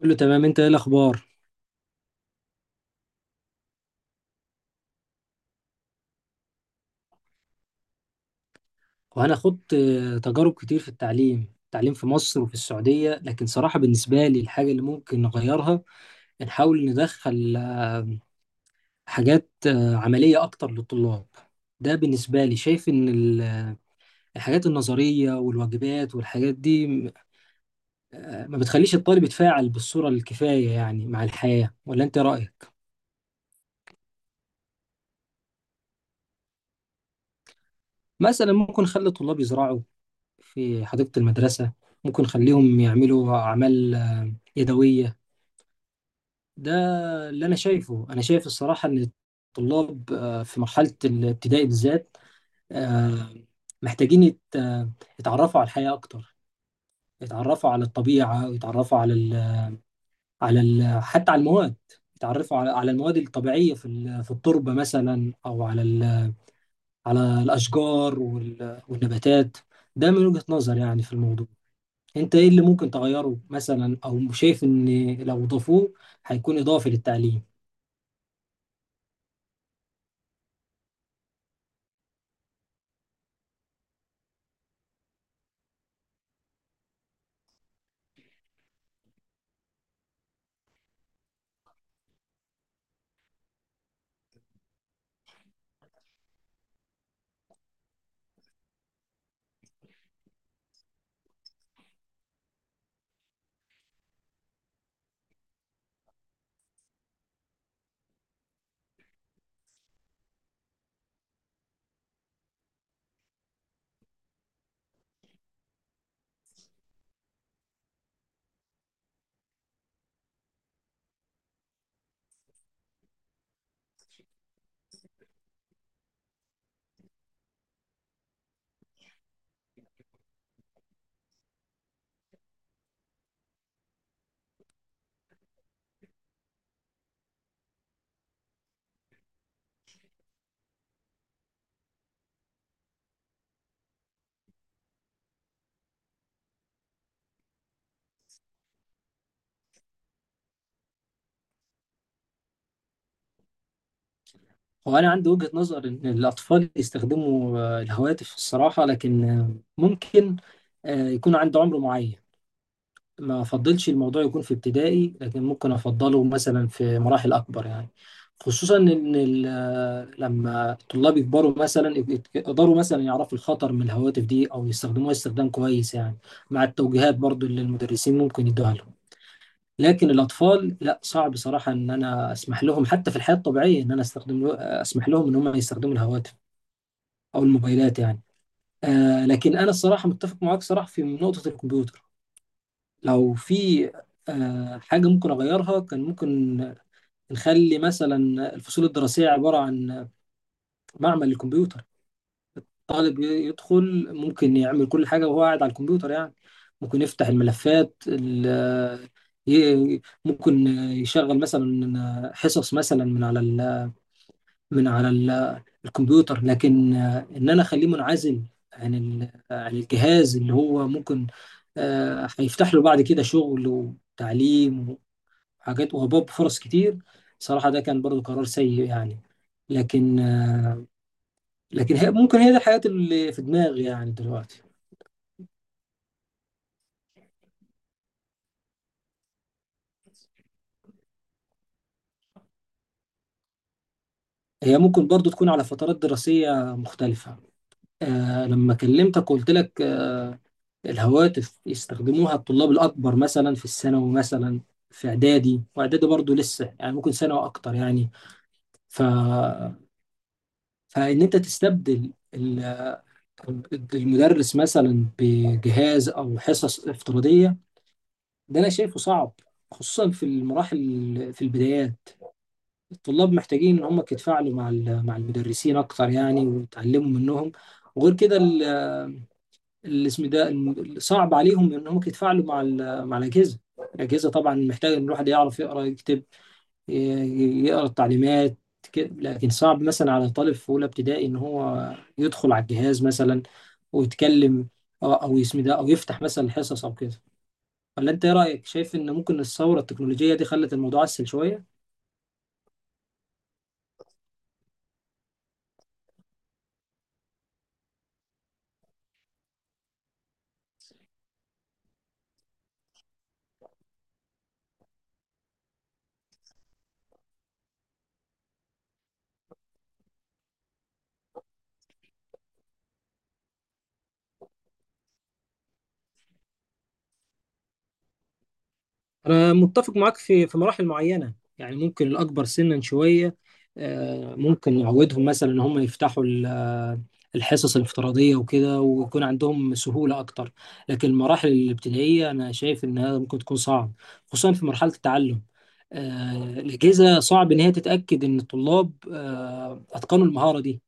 كله تمام، انت ايه الاخبار؟ وانا خدت تجارب كتير في التعليم. في مصر وفي السعودية، لكن صراحة بالنسبة لي الحاجة اللي ممكن نغيرها، نحاول ندخل حاجات عملية اكتر للطلاب. ده بالنسبة لي، شايف ان الحاجات النظرية والواجبات والحاجات دي ما بتخليش الطالب يتفاعل بالصورة الكفاية، يعني مع الحياة. ولا انت رأيك؟ مثلا ممكن نخلي الطلاب يزرعوا في حديقة المدرسة، ممكن نخليهم يعملوا أعمال يدوية. ده اللي انا شايفه. انا شايف الصراحه ان الطلاب في مرحله الابتدائي بالذات، آه، محتاجين يتعرفوا على الحياه اكتر، يتعرفوا على الطبيعه، ويتعرفوا على ال حتى على المواد. يتعرفوا على المواد الطبيعيه في في التربه مثلا، او على على الاشجار والنباتات. ده من وجهه نظر يعني في الموضوع. انت ايه اللي ممكن تغيره مثلا، او شايف ان لو ضافوه هيكون اضافي للتعليم؟ هو أنا عندي وجهة نظر إن الأطفال يستخدموا الهواتف الصراحة، لكن ممكن يكون عنده عمر معين. ما أفضلش الموضوع يكون في ابتدائي، لكن ممكن أفضله مثلا في مراحل أكبر يعني. خصوصا إن لما الطلاب يكبروا مثلا يقدروا مثلا يعرفوا الخطر من الهواتف دي، أو يستخدموها استخدام كويس يعني، مع التوجيهات برضو اللي المدرسين ممكن يدوها لهم. لكن الأطفال لا، صعب صراحة إن أنا أسمح لهم. حتى في الحياة الطبيعية إن أنا أستخدم له، أسمح لهم إن هم يستخدموا الهواتف أو الموبايلات يعني. آه لكن أنا الصراحة متفق معاك صراحة في نقطة الكمبيوتر. لو في حاجة ممكن أغيرها، كان ممكن نخلي مثلا الفصول الدراسية عبارة عن معمل للكمبيوتر. طالب يدخل، ممكن يعمل كل حاجة وهو قاعد على الكمبيوتر يعني. ممكن يفتح الملفات ممكن يشغل مثلا حصص مثلا من على ال الكمبيوتر. لكن ان انا اخليه منعزل عن عن الجهاز اللي هو ممكن هيفتح له بعد كده شغل وتعليم وحاجات، وهباب فرص كتير صراحة. ده كان برضو قرار سيء يعني. لكن لكن هي ممكن هي دي الحياة اللي في دماغي يعني دلوقتي. هي ممكن برضو تكون على فترات دراسية مختلفة. آه لما كلمتك وقلت لك آه الهواتف يستخدموها الطلاب الأكبر، مثلا في الثانوي مثلا، في إعدادي. وإعدادي برضو لسه يعني، ممكن سنة وأكتر يعني. ف... فإن أنت تستبدل المدرس مثلا بجهاز أو حصص افتراضية، ده أنا شايفه صعب، خصوصا في المراحل، في البدايات. الطلاب محتاجين ان هم يتفاعلوا مع مع المدرسين اكتر يعني، ويتعلموا منهم. وغير كده الاسم ده صعب عليهم ان هم يتفاعلوا مع مع الاجهزه. الاجهزه طبعا محتاجه ان الواحد يعرف يقرا، يكتب، يقرا التعليمات كده. لكن صعب مثلا على طالب في اولى ابتدائي ان هو يدخل على الجهاز مثلا ويتكلم او اسم ده، او يفتح مثلا الحصص او كده. ولا انت ايه رايك؟ شايف ان ممكن الثوره التكنولوجيه دي خلت الموضوع اسهل شويه؟ أنا متفق معاك في مراحل معينة يعني، ممكن الأكبر سنا شوية ممكن نعودهم مثلا إن هم يفتحوا الحصص الافتراضية وكده، ويكون عندهم سهولة أكتر. لكن المراحل الابتدائية أنا شايف إنها ممكن تكون صعب، خصوصا في مرحلة التعلم. الأجهزة صعب إن هي تتأكد إن الطلاب أتقنوا المهارة دي.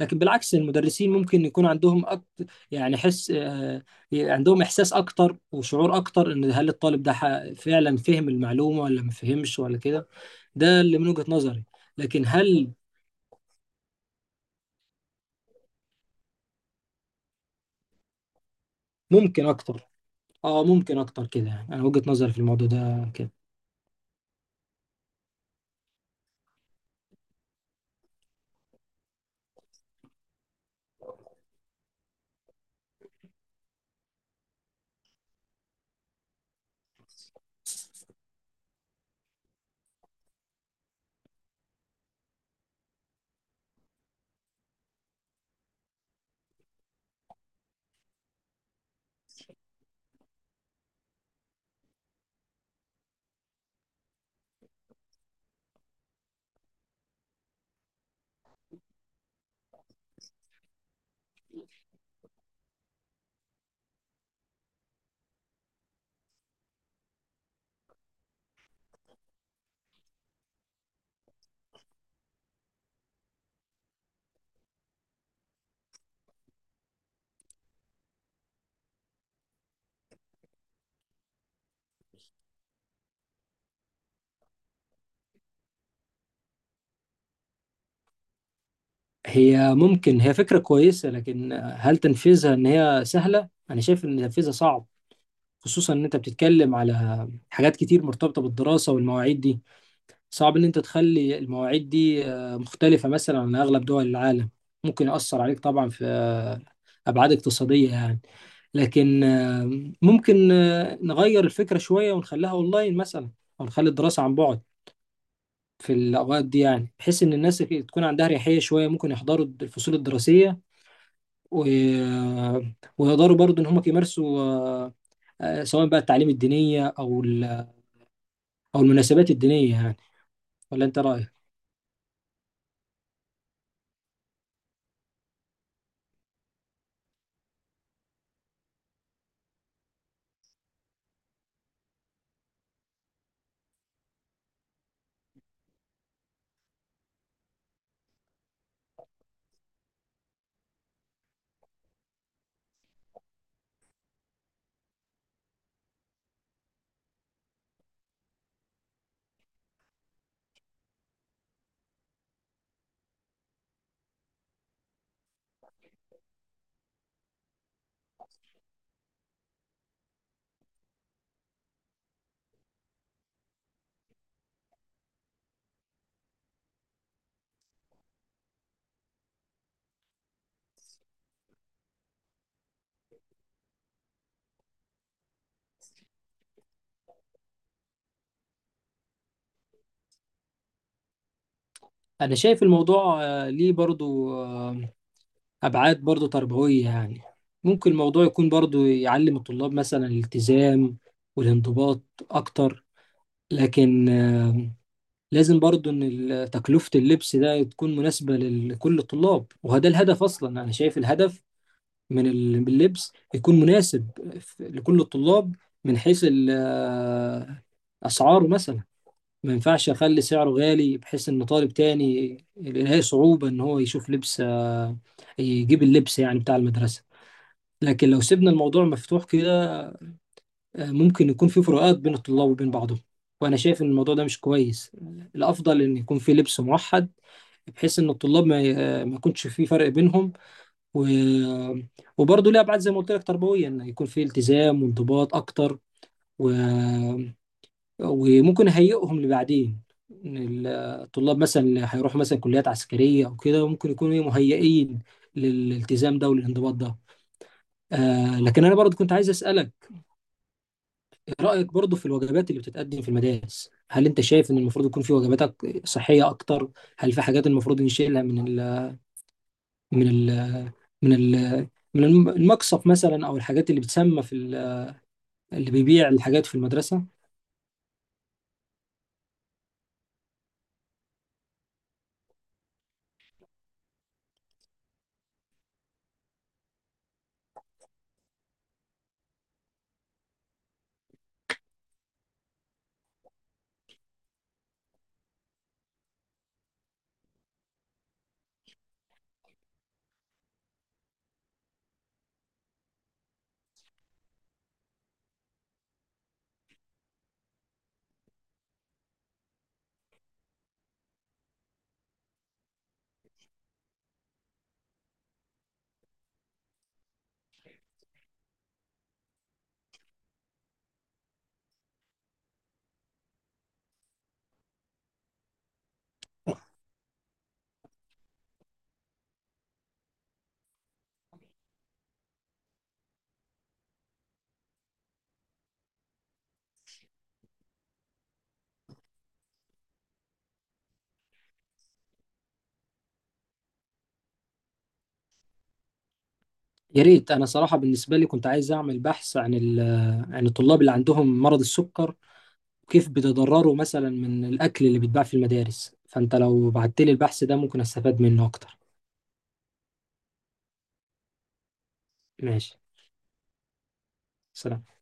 لكن بالعكس المدرسين ممكن يكون عندهم أكتر يعني حس آه، عندهم إحساس أكتر وشعور أكتر، إن هل الطالب ده فعلا فهم المعلومة ولا ما فهمش ولا كده. ده اللي من وجهة نظري. لكن هل ممكن أكتر؟ آه ممكن أكتر كده يعني. أنا وجهة نظري في الموضوع ده كده. هي ممكن هي فكرة كويسة، لكن هل تنفيذها إن هي سهلة؟ أنا شايف إن تنفيذها صعب، خصوصا إن أنت بتتكلم على حاجات كتير مرتبطة بالدراسة والمواعيد دي. صعب ان انت تخلي المواعيد دي مختلفة مثلا عن اغلب دول العالم. ممكن يأثر عليك طبعا في ابعاد اقتصادية يعني. لكن ممكن نغير الفكرة شوية ونخليها اونلاين مثلا، او نخلي الدراسة عن بعد في الاوقات دي يعني، بحيث ان الناس تكون عندها اريحية شوية، ممكن يحضروا الفصول الدراسية و... آه، ويقدروا برضو ان هم يمارسوا، سواء بقى التعليم الدينية او المناسبات الدينية يعني. ولا انت رأيك؟ انا شايف الموضوع ليه برضو ابعاد برضو تربويه يعني. ممكن الموضوع يكون برضو يعلم الطلاب مثلا الالتزام والانضباط اكتر. لكن لازم برضو ان تكلفه اللبس ده تكون مناسبه لكل الطلاب. وهذا الهدف اصلا، انا شايف الهدف من من اللبس يكون مناسب لكل الطلاب، من حيث اسعاره مثلا. ما ينفعش اخلي سعره غالي بحيث ان طالب تاني يلاقي صعوبة ان هو يشوف لبس آه، يجيب اللبس يعني بتاع المدرسة. لكن لو سيبنا الموضوع مفتوح كده، ممكن يكون في فروقات بين الطلاب وبين بعضهم، وانا شايف ان الموضوع ده مش كويس. الافضل ان يكون في لبس موحد، بحيث ان الطلاب ما ي- آه، ما يكونش في فرق بينهم. و... وبرضه ليه ابعاد زي ما قلت لك تربويه، ان يكون في التزام وانضباط اكتر. و... وممكن اهيئهم لبعدين، إن الطلاب مثلا اللي هيروحوا مثلا كليات عسكريه او كده، ممكن يكونوا إيه مهيئين للالتزام ده وللانضباط ده. آه لكن انا برضه كنت عايز اسالك، إيه رايك برضه في الوجبات اللي بتتقدم في المدارس؟ هل انت شايف ان المفروض يكون في وجبات صحيه اكتر؟ هل في حاجات المفروض نشيلها من من ال من ال المقصف مثلا، او الحاجات اللي بتسمى في اللي بيبيع الحاجات في المدرسه؟ يا ريت، انا صراحه بالنسبه لي كنت عايز اعمل بحث عن عن الطلاب اللي عندهم مرض السكر، وكيف بيتضرروا مثلا من الاكل اللي بيتباع في المدارس. فانت لو بعت لي البحث ده ممكن استفاد منه اكتر. ماشي، سلام.